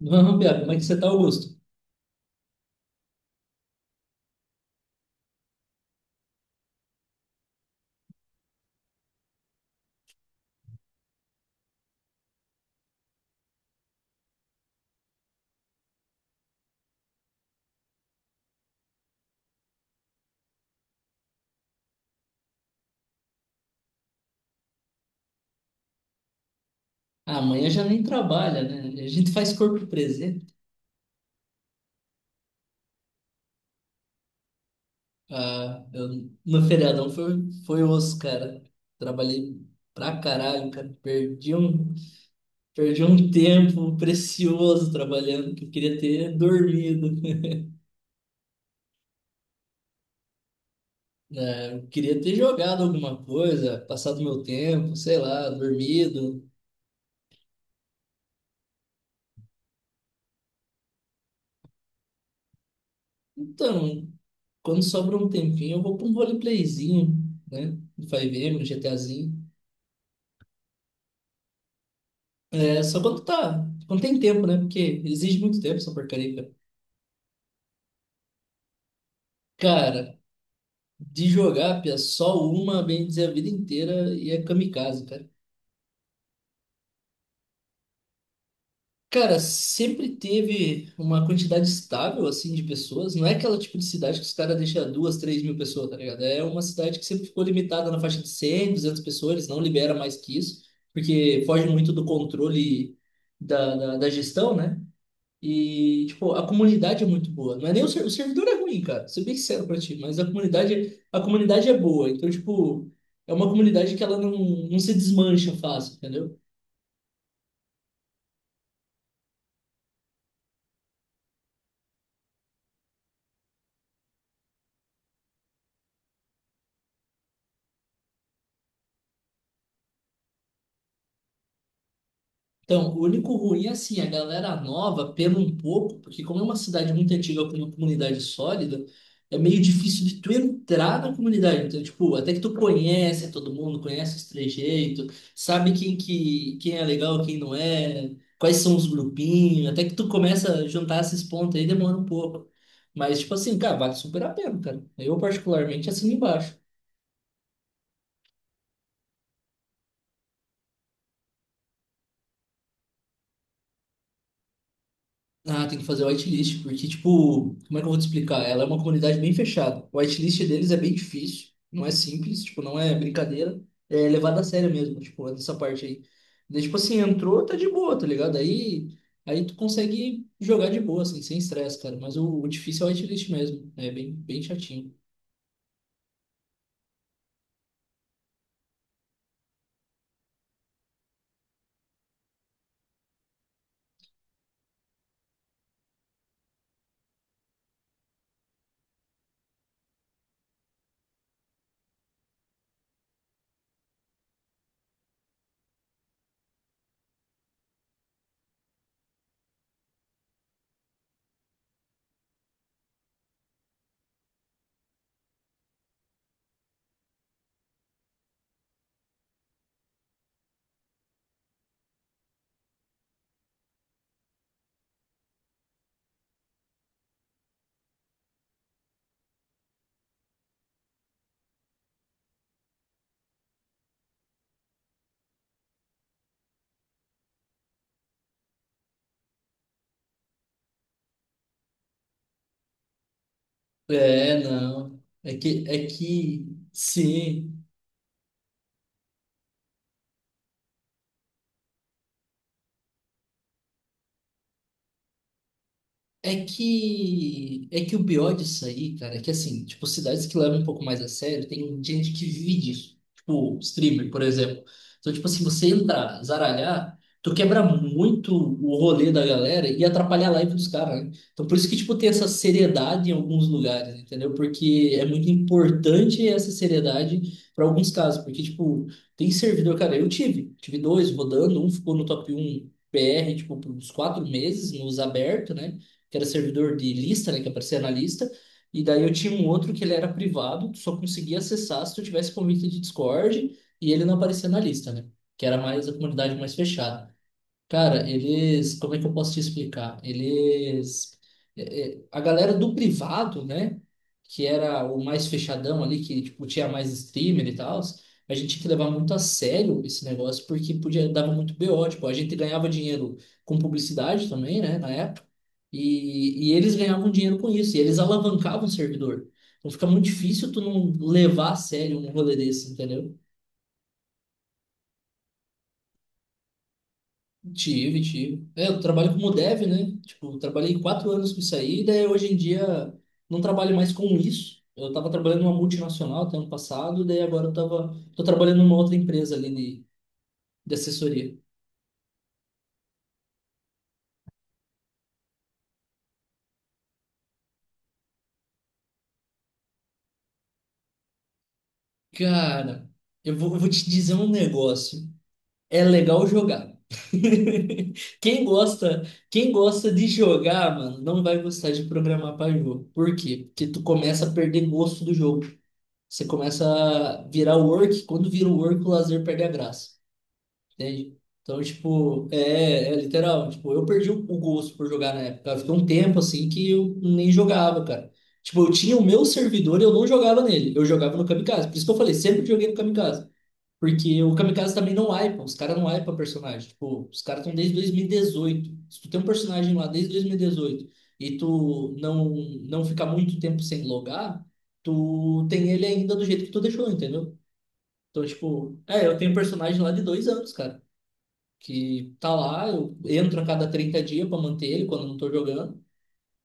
Vamos, Biago, como é que você tá, Augusto? Ah, amanhã já nem trabalha, né? A gente faz corpo presente. Ah, no feriadão foi osso, cara. Trabalhei pra caralho, cara. Perdi um tempo precioso trabalhando, que eu queria ter dormido. Né? Eu queria ter jogado alguma coisa, passado meu tempo, sei lá, dormido. Então, quando sobra um tempinho, eu vou pra um roleplayzinho, né? Vai ver, um GTAzinho. É, só quando tem tempo, né? Porque exige muito tempo essa porcaria, cara. Cara, de jogar, pia, só uma, bem dizer, a vida inteira e é kamikaze, cara. Cara, sempre teve uma quantidade estável, assim, de pessoas. Não é aquela tipo de cidade que os caras deixam duas, 3.000 pessoas, tá ligado? É uma cidade que sempre ficou limitada na faixa de 100 200 pessoas, eles não libera mais que isso, porque foge muito do controle da gestão, né? E, tipo, a comunidade é muito boa. Não é nem o servidor é ruim, cara. Ser bem sincero pra ti, mas a comunidade é boa. Então, tipo, é uma comunidade que ela não se desmancha fácil, entendeu? Então, o único ruim é assim, a galera nova pena um pouco, porque como é uma cidade muito antiga com uma comunidade sólida, é meio difícil de tu entrar na comunidade. Então, tipo, até que tu conhece todo mundo, conhece os trejeitos, sabe quem é legal, quem não é, quais são os grupinhos, até que tu começa a juntar esses pontos aí demora um pouco. Mas, tipo assim, cara, vale super a pena, cara. Eu particularmente assino embaixo. Ah, tem que fazer whitelist, porque, tipo, como é que eu vou te explicar? Ela é uma comunidade bem fechada. O whitelist deles é bem difícil, não é simples, tipo, não é brincadeira. É levado a sério mesmo, tipo, nessa parte aí. Daí, tipo assim, entrou, tá de boa, tá ligado? Aí tu consegue jogar de boa, assim, sem estresse, cara. Mas o difícil é o whitelist mesmo, é bem, bem chatinho. É, não. É que, sim. É que o pior disso aí, cara, é que assim, tipo, cidades que levam um pouco mais a sério, tem gente que vive disso. Tipo, streamer, por exemplo. Então, tipo assim, você entrar, zaralhar, tu quebra muito o rolê da galera e atrapalha a live dos caras, né? Então, por isso que, tipo, tem essa seriedade em alguns lugares, entendeu? Porque é muito importante essa seriedade para alguns casos. Porque, tipo, tem servidor, cara, eu tive dois rodando, um ficou no top 1 PR, tipo, por uns 4 meses, nos abertos, né? Que era servidor de lista, né, que aparecia na lista, e daí eu tinha um outro que ele era privado, tu só conseguia acessar se tu tivesse convite de Discord, e ele não aparecia na lista, né, que era mais a comunidade mais fechada. Cara, eles, como é que eu posso te explicar? A galera do privado, né, que era o mais fechadão ali, que tipo tinha mais streamer e tal, a gente tinha que levar muito a sério esse negócio porque podia dava muito BO, tipo, a gente ganhava dinheiro com publicidade também, né, na época. E eles ganhavam dinheiro com isso, e eles alavancavam o servidor. Então fica muito difícil tu não levar a sério um rolê desse, entendeu? Tive, tive. É, eu trabalho como dev, né? Tipo, eu trabalhei 4 anos com isso aí, daí hoje em dia não trabalho mais com isso. Eu tava trabalhando numa multinacional até ano passado, daí agora eu tô trabalhando numa outra empresa ali de assessoria. Cara, eu vou te dizer um negócio. É legal jogar. Quem gosta, quem gosta de jogar, mano, não vai gostar de programar para jogo. Por quê? Porque tu começa a perder gosto do jogo. Você começa a virar o work, quando vira o work, o lazer perde a graça, entende? Então, tipo, é literal. Tipo, eu perdi o gosto por jogar na época. Eu ficou um tempo assim que eu nem jogava, cara. Tipo, eu tinha o meu servidor e eu não jogava nele. Eu jogava no Kamikaze. Por isso que eu falei, sempre joguei no Kamikaze. Porque o Kamikaze também não wipa, os caras não wipam personagem. Tipo, os caras estão desde 2018. Se tu tem um personagem lá desde 2018 e tu não ficar muito tempo sem logar, tu tem ele ainda do jeito que tu deixou, entendeu? Então, tipo, é, eu tenho um personagem lá de 2 anos, cara, que tá lá, eu entro a cada 30 dias pra manter ele quando eu não tô jogando.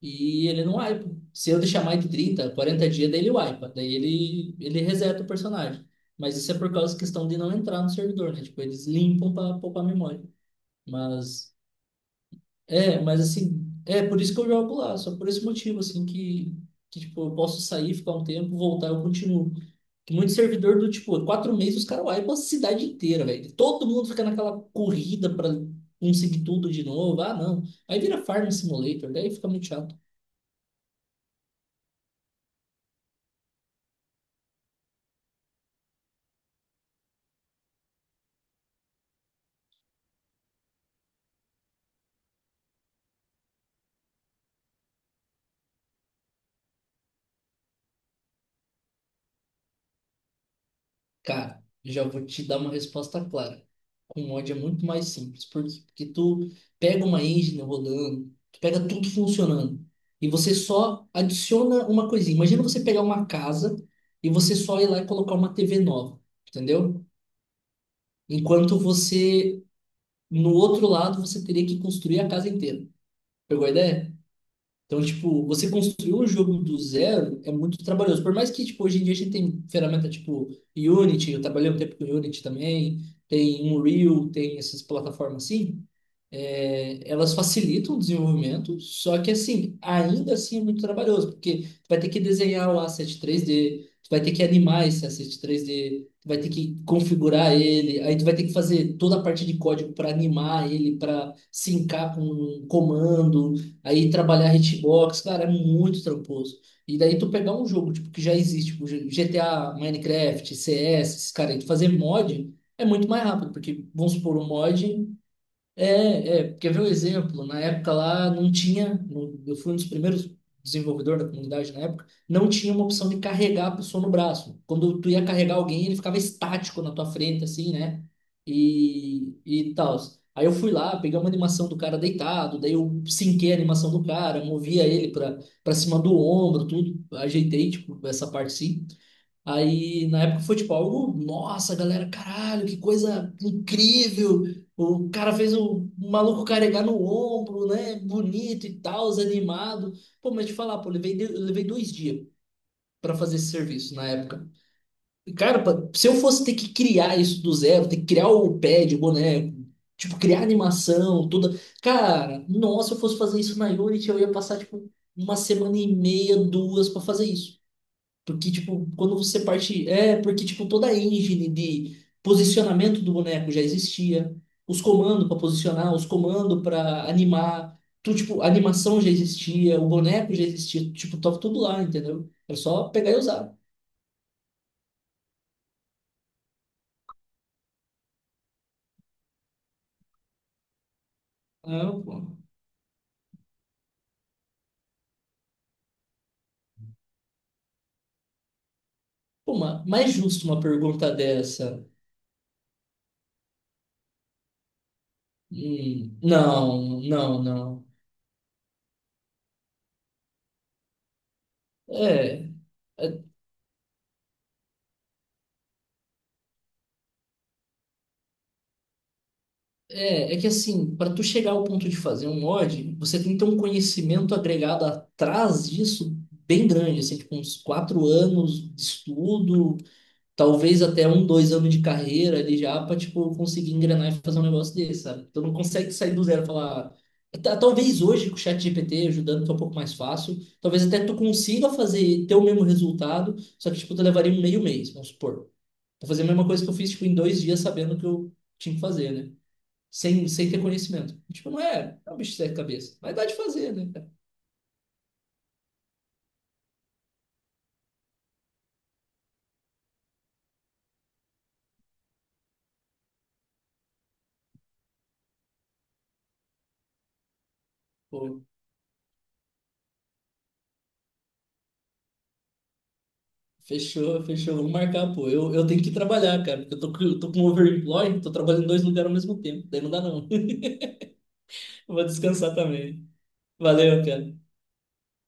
E ele não wipa. Se eu deixar mais de 30, 40 dias, daí ele wipa. Daí ele reseta o personagem. Mas isso é por causa da questão de não entrar no servidor, né? Tipo, eles limpam para poupar memória. Mas, mas assim, é por isso que eu jogo lá. Só por esse motivo, assim, que tipo, eu posso sair, ficar um tempo, voltar, eu continuo. Que muito servidor do, tipo, 4 meses os caras wipam a cidade inteira, velho. Todo mundo fica naquela corrida para conseguir tudo de novo. Ah, não. Aí vira Farm Simulator, daí fica muito chato. Cara, já vou te dar uma resposta clara. Com mod é muito mais simples, porque tu pega uma engine rolando, tu pega tudo funcionando, e você só adiciona uma coisinha. Imagina você pegar uma casa e você só ir lá e colocar uma TV nova, entendeu? Enquanto você, no outro lado, você teria que construir a casa inteira. Pegou a ideia? Então, tipo, você construir um jogo do zero é muito trabalhoso. Por mais que, tipo, hoje em dia a gente tem ferramenta tipo Unity, eu trabalhei um tempo com Unity também, tem Unreal, tem essas plataformas assim. É, elas facilitam o desenvolvimento, só que assim, ainda assim é muito trabalhoso, porque tu vai ter que desenhar o asset 3D, tu vai ter que animar esse asset 3D, tu vai ter que configurar ele, aí tu vai ter que fazer toda a parte de código para animar ele, para sincar com um comando, aí trabalhar hitbox, cara, é muito tramposo. E daí tu pegar um jogo tipo que já existe, tipo GTA, Minecraft, CS, esses cara, e tu fazer mod é muito mais rápido, porque vamos supor um mod quer ver o exemplo? Na época lá não tinha, eu fui um dos primeiros desenvolvedores da comunidade na época, não tinha uma opção de carregar a pessoa no braço. Quando tu ia carregar alguém, ele ficava estático na tua frente, assim, né? E tal. Aí eu fui lá, peguei uma animação do cara deitado, daí eu sinquei a animação do cara, movia ele pra, cima do ombro, tudo, ajeitei, tipo, essa parte sim. Aí, na época, foi tipo algo, nossa, galera, caralho, que coisa incrível. O cara fez o maluco carregar no ombro, né? Bonito e tal, animado. Pô, mas te falar, pô, eu levei 2 dias pra fazer esse serviço na época. E, cara, se eu fosse ter que criar isso do zero, ter que criar o pad, o boneco, tipo, criar animação, toda. Cara, nossa, se eu fosse fazer isso na Unity, eu ia passar, tipo, uma semana e meia, duas pra fazer isso. Porque, tipo, quando você parte. É, porque, tipo, toda a engine de posicionamento do boneco já existia. Os comandos para posicionar, os comandos para animar. Tu, tipo, a animação já existia, o boneco já existia. Tipo, tava tudo lá, entendeu? Era só pegar e usar. Ah, pô, mais justo uma pergunta dessa. Não, não, não. É. é é que assim, para tu chegar ao ponto de fazer um mod, você tem que ter um conhecimento agregado atrás disso bem grande, assim, tipo uns 4 anos de estudo, talvez até um, dois anos de carreira ali já para tipo conseguir engrenar e fazer um negócio desse, sabe? Tu não consegue sair do zero e falar, talvez hoje com o chat GPT ajudando que é um pouco mais fácil, talvez até tu consiga fazer ter o mesmo resultado, só que tipo tu levaria um meio mês, vamos supor, para fazer a mesma coisa que eu fiz tipo em 2 dias sabendo o que eu tinha que fazer, né? Sem ter conhecimento. Tipo, não é, é um bicho de sete cabeças. Mas dá de fazer, né, cara? Pô, fechou, fechou. Vamos marcar, pô. Eu tenho que trabalhar, cara. Porque eu tô com overemploy, tô trabalhando em dois lugares ao mesmo tempo. Daí não dá, não. Eu vou descansar também. Valeu, cara.